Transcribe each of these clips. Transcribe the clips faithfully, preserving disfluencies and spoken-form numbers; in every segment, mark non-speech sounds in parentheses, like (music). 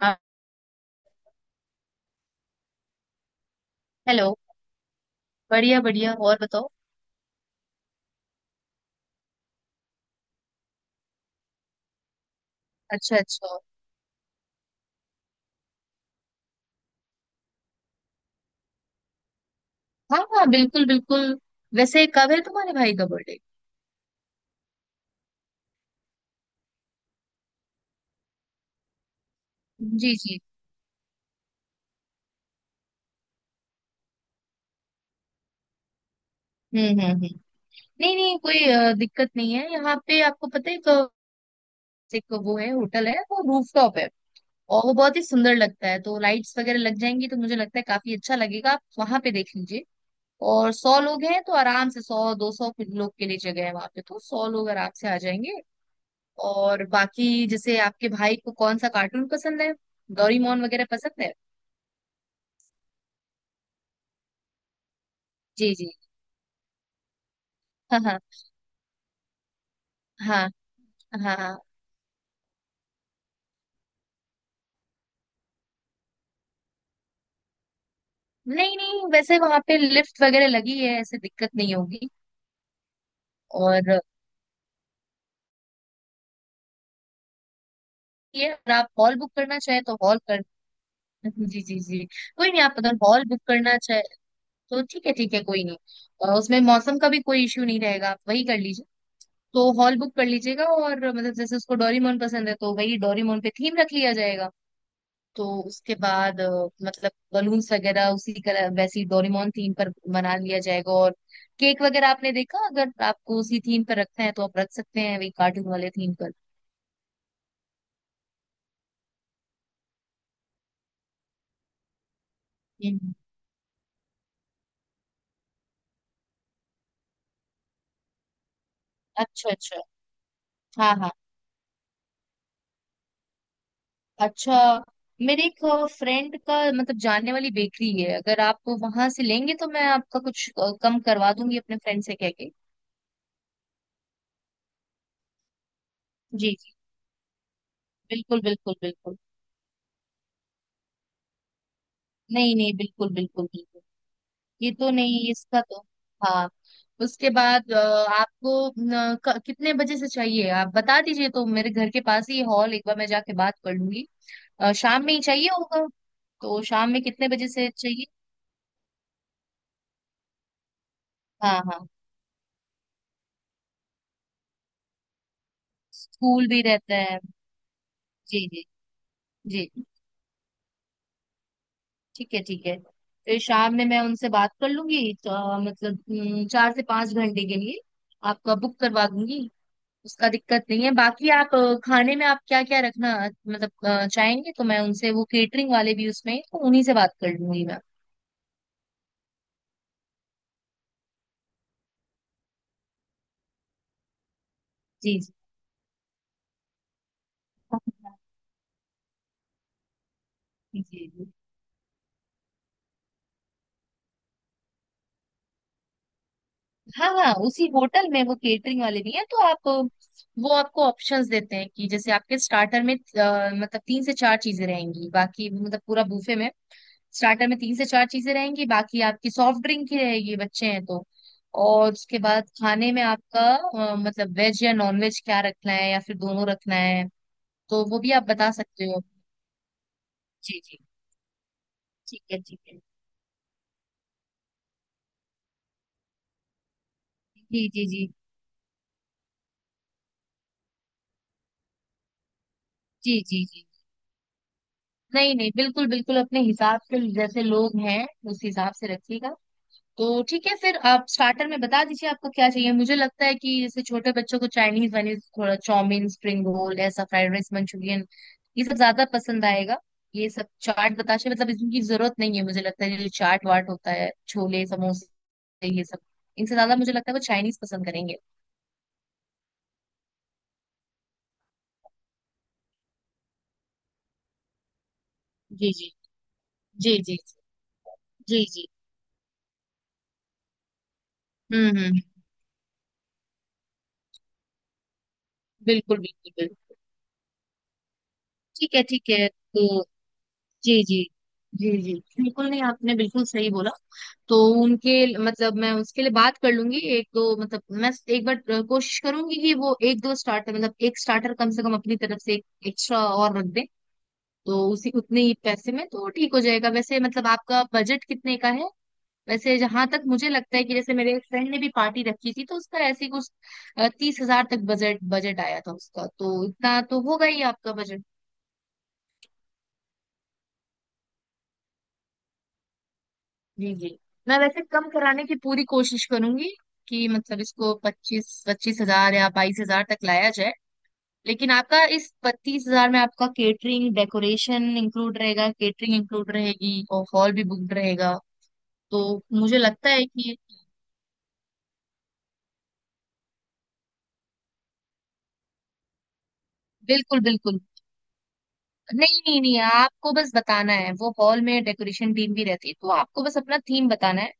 हाँ, हेलो। बढ़िया बढ़िया। और बताओ। अच्छा अच्छा। हाँ हाँ, बिल्कुल बिल्कुल। वैसे कब है तुम्हारे भाई का बर्थडे? जी जी। हम्म हम्म हम्म। नहीं नहीं, कोई अ, दिक्कत नहीं है। यहाँ पे आपको पता है, एक अ, एक वो है, होटल है, वो रूफटॉप है। और वो बहुत ही सुंदर लगता है, तो लाइट्स वगैरह लग जाएंगी तो मुझे लगता है काफी अच्छा लगेगा, आप वहां पे देख लीजिए। और सौ लोग हैं तो आराम से सौ दो सौ लोग के लिए जगह है वहां पे, तो सौ लोग आराम से आ जाएंगे। और बाकी जैसे आपके भाई को कौन सा कार्टून पसंद है? डोरीमोन वगैरह पसंद है? जी जी। हाँ हाँ हाँ हाँ हाँ। नहीं नहीं, वैसे वहां पे लिफ्ट वगैरह लगी है, ऐसे दिक्कत नहीं होगी। और ये, अगर आप हॉल बुक करना चाहे तो हॉल कर (laughs) जी जी जी। कोई नहीं, आप अगर हॉल बुक करना चाहे तो ठीक है ठीक है, कोई नहीं। अ, उसमें मौसम का भी कोई इश्यू नहीं रहेगा, आप वही कर लीजिए। तो हॉल बुक कर लीजिएगा, और मतलब जैसे उसको डोरीमोन पसंद है तो वही डोरीमोन पे थीम रख लिया जाएगा। तो उसके बाद अ, मतलब बलून्स वगैरह उसी कलर वैसी डोरेमोन थीम पर बना लिया जाएगा, और केक वगैरह आपने देखा, अगर आपको उसी थीम पर रखना है तो आप रख सकते हैं, वही कार्टून वाले थीम पर। हम्म। अच्छा अच्छा। हाँ हाँ। अच्छा। मेरे एक फ्रेंड का, मतलब जानने वाली बेकरी है, अगर आप वहां से लेंगे तो मैं आपका कुछ अ, कम करवा दूंगी अपने फ्रेंड से कह के। जी जी। बिल्कुल बिल्कुल बिल्कुल। नहीं नहीं, बिल्कुल बिल्कुल बिल्कुल। ये तो नहीं, इसका तो। हाँ। उसके बाद अ, आपको न, क, कितने बजे से चाहिए? आप बता दीजिए तो मेरे घर के पास ही हॉल एक बार मैं जाके बात कर लूंगी। अ, शाम में ही चाहिए होगा, तो शाम में कितने बजे से चाहिए? हाँ हाँ, स्कूल भी रहता है। जी जी जी। ठीक है ठीक है। फिर शाम में मैं उनसे बात कर लूंगी तो, अ, मतलब हम्म, चार से पांच घंटे के लिए आपका बुक करवा दूंगी। उसका दिक्कत नहीं है, बाकी आप अ, खाने में आप क्या क्या रखना मतलब अ, चाहेंगे तो मैं उनसे, वो केटरिंग वाले भी उसमें हैं, तो उन्हीं से बात कर लूंगी मैं। जी जी जी जी। हाँ हाँ, उसी होटल में वो केटरिंग वाले भी हैं तो आप अ, वो आपको ऑप्शंस देते हैं कि जैसे आपके स्टार्टर में अ, मतलब तीन से चार चीजें रहेंगी, बाकी मतलब पूरा बूफे में। स्टार्टर में तीन से चार चीजें रहेंगी, बाकी आपकी सॉफ्ट ड्रिंक की रहेगी, बच्चे हैं तो। और उसके बाद खाने में आपका अ, मतलब वेज या नॉन वेज क्या रखना है या फिर दोनों रखना है, तो वो भी आप बता सकते हो। जी जी। ठीक है ठीक है। जी जी जी। जी जी जी। नहीं नहीं, बिल्कुल बिल्कुल, अपने हिसाब से जैसे लोग हैं उस हिसाब से रखिएगा। तो ठीक है, फिर आप स्टार्टर में बता दीजिए आपको क्या चाहिए। मुझे लगता है कि जैसे छोटे बच्चों को चाइनीज वाइनीज, थोड़ा चाउमीन, स्प्रिंग रोल, ऐसा फ्राइड राइस, मंचूरियन, ये सब ज्यादा पसंद आएगा। ये सब चाट बताशे मतलब इनकी जरूरत नहीं है, मुझे लगता है जो चाट वाट होता है, छोले समोसे ये सब, इनसे ज्यादा मुझे लगता है वो चाइनीज पसंद करेंगे। जी जी। जी जी। जी जी। हम्म हम्म। बिल्कुल बिल्कुल बिल्कुल। ठीक है ठीक है, तो जी जी। जी जी बिल्कुल। नहीं, आपने बिल्कुल सही बोला। तो उनके, मतलब मैं उसके लिए बात कर लूंगी एक दो, मतलब मैं एक बार अ, कोशिश करूंगी कि वो एक दो स्टार्टर मतलब एक स्टार्टर कम से कम अपनी तरफ से एक एक्स्ट्रा और रख दें। तो उसी उतने ही पैसे में तो ठीक हो जाएगा। वैसे मतलब आपका बजट कितने का है? वैसे जहां तक मुझे लगता है कि जैसे मेरे एक फ्रेंड ने भी पार्टी रखी थी तो उसका ऐसे ही कुछ तीस हजार तक बजट बजट आया था उसका, तो इतना तो होगा ही आपका बजट। जी जी। मैं वैसे कम कराने की पूरी कोशिश करूंगी कि मतलब इसको पच्चीस पच्चीस हजार या बाईस हजार तक लाया जाए। लेकिन आपका इस तीस हजार में आपका केटरिंग डेकोरेशन इंक्लूड रहेगा, केटरिंग इंक्लूड रहेगी और हॉल भी बुक रहेगा। तो मुझे लगता है कि, बिल्कुल बिल्कुल। नहीं नहीं नहीं, आपको बस बताना है, वो हॉल में डेकोरेशन टीम भी रहती है, तो आपको बस अपना थीम बताना है।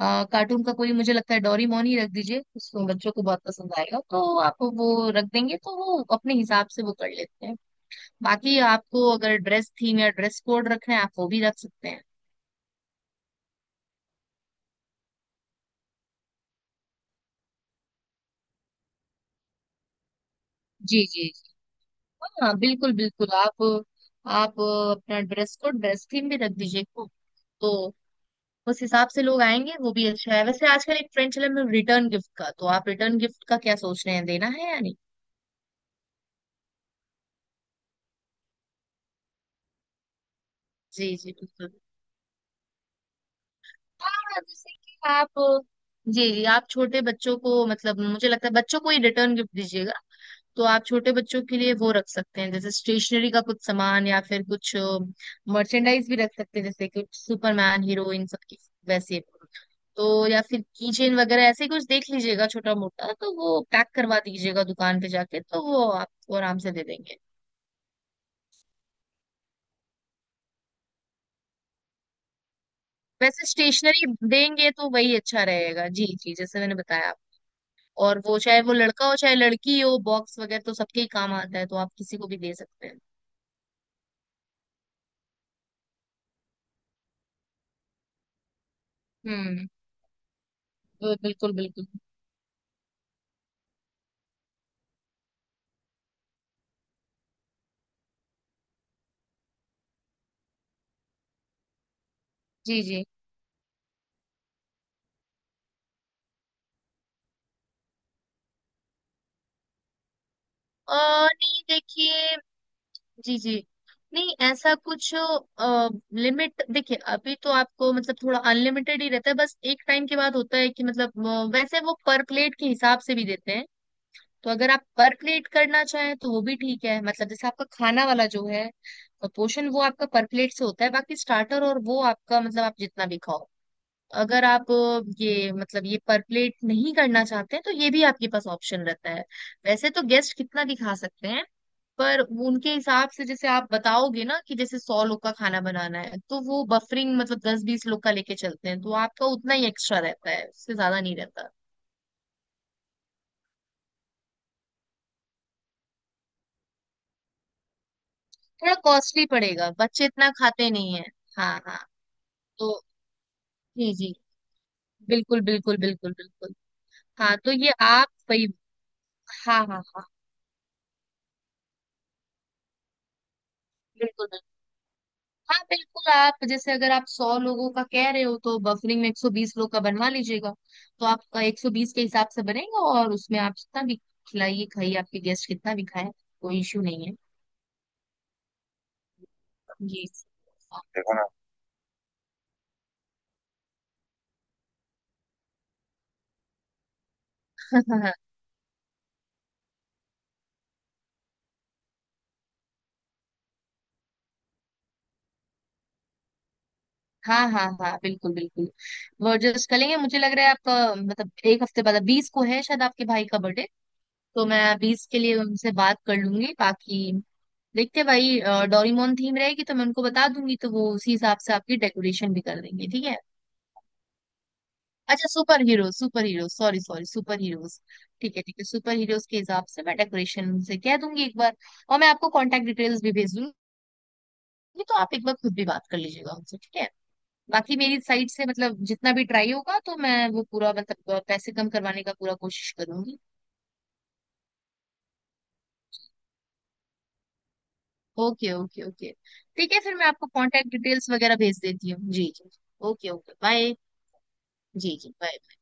आ, कार्टून का कोई, मुझे लगता है डोरीमोन ही रख दीजिए, उसको बच्चों को बहुत पसंद आएगा, तो आप वो रख देंगे तो वो अपने हिसाब से वो कर लेते हैं। बाकी आपको अगर ड्रेस थीम या ड्रेस कोड रखना है, आप वो भी रख सकते हैं। जी जी जी। हाँ बिल्कुल बिल्कुल, आप आप अपना ड्रेस कोड ड्रेस थीम भी रख दीजिए। तो उस हिसाब से लोग आएंगे, वो भी अच्छा है। वैसे आजकल एक ट्रेंड चला है रिटर्न गिफ्ट का, तो आप रिटर्न गिफ्ट का क्या सोच रहे हैं, देना है या नहीं? जी जी बिल्कुल। हाँ जैसे कि आप, जी जी। आप छोटे बच्चों को मतलब मुझे लगता है बच्चों को ही रिटर्न गिफ्ट दीजिएगा। तो आप छोटे बच्चों के लिए वो रख सकते हैं जैसे स्टेशनरी का कुछ सामान, या फिर कुछ मर्चेंडाइज भी रख सकते हैं, जैसे कि सुपरमैन हीरो इन सब की वैसे। तो या फिर कीचेन वगैरह ऐसे ही कुछ देख लीजिएगा छोटा मोटा, तो वो पैक करवा दीजिएगा दुकान पे जाके, तो वो आपको आराम से दे देंगे। वैसे स्टेशनरी देंगे तो वही अच्छा रहेगा। जी जी, जैसे मैंने बताया आप, और वो, चाहे वो लड़का हो चाहे लड़की हो, बॉक्स वगैरह तो सबके ही काम आता है, तो आप किसी को भी दे सकते हैं। हम्म। बिल्कुल बिल्कुल। जी जी। अ, नहीं देखिए। जी जी। नहीं ऐसा कुछ लिमिट। देखिए अभी तो आपको मतलब थोड़ा अनलिमिटेड ही रहता है, बस एक टाइम के बाद होता है कि मतलब अ, वैसे वो पर प्लेट के हिसाब से भी देते हैं। तो अगर आप पर प्लेट करना चाहें तो वो भी ठीक है, मतलब जैसे आपका खाना वाला जो है पोर्शन, वो आपका पर प्लेट से होता है, बाकी स्टार्टर और वो आपका मतलब आप जितना भी खाओ। अगर आप अ, ये मतलब ये परप्लेट नहीं करना चाहते हैं, तो ये भी आपके पास ऑप्शन रहता है। वैसे तो गेस्ट कितना भी खा सकते हैं, पर वो उनके हिसाब से जैसे आप बताओगे ना कि जैसे सौ लोग का खाना बनाना है, तो वो बफरिंग मतलब दस बीस लोग का लेके चलते हैं, तो आपका उतना ही एक्स्ट्रा रहता है, उससे ज्यादा नहीं रहता। थोड़ा कॉस्टली पड़ेगा, बच्चे इतना खाते नहीं है। हाँ हाँ, तो जी जी। बिल्कुल बिल्कुल बिल्कुल बिल्कुल। हाँ तो ये आप वही। हाँ हाँ हाँ, बिल्कुल बिल्कुल। हाँ बिल्कुल, आप जैसे अगर आप सौ लोगों का कह रहे हो तो बफरिंग में एक सौ बीस लोग का बनवा लीजिएगा। तो आपका एक सौ बीस के हिसाब से बनेगा, और उसमें आप जितना भी खिलाइए खाइए, आपके गेस्ट कितना भी खाए, कोई इश्यू नहीं है। जी। हाँ देखो ना। हाँ हाँ हाँ हाँ हाँ, बिल्कुल बिल्कुल। वो एडजस्ट करेंगे। मुझे लग रहा है आपका मतलब एक हफ्ते बाद बीस को है शायद आपके भाई का बर्थडे। तो मैं बीस के लिए उनसे बात कर लूंगी। बाकी देखते हैं भाई। अ, डोरेमोन थीम रहेगी तो मैं उनको बता दूंगी, तो वो उसी हिसाब से आपकी डेकोरेशन भी कर देंगे। ठीक है? अच्छा super hero super hero, sorry sorry, super heroes. ठीक है ठीक है, सुपर हीरोज के हिसाब से मैं डेकोरेशन से कह दूंगी एक बार, और मैं आपको कांटेक्ट डिटेल्स भी भेज दूंगी। तो आप एक बार खुद भी बात कर लीजिएगा उनसे, ठीक है? बाकी मेरी साइड से मतलब जितना भी ट्राई होगा तो मैं वो पूरा मतलब पैसे कम करवाने का पूरा कोशिश करूंगी। Okay okay okay. ठीक है फिर मैं आपको कांटेक्ट डिटेल्स वगैरह भेज देती हूँ। जी जी। Okay okay bye. जी जी bye।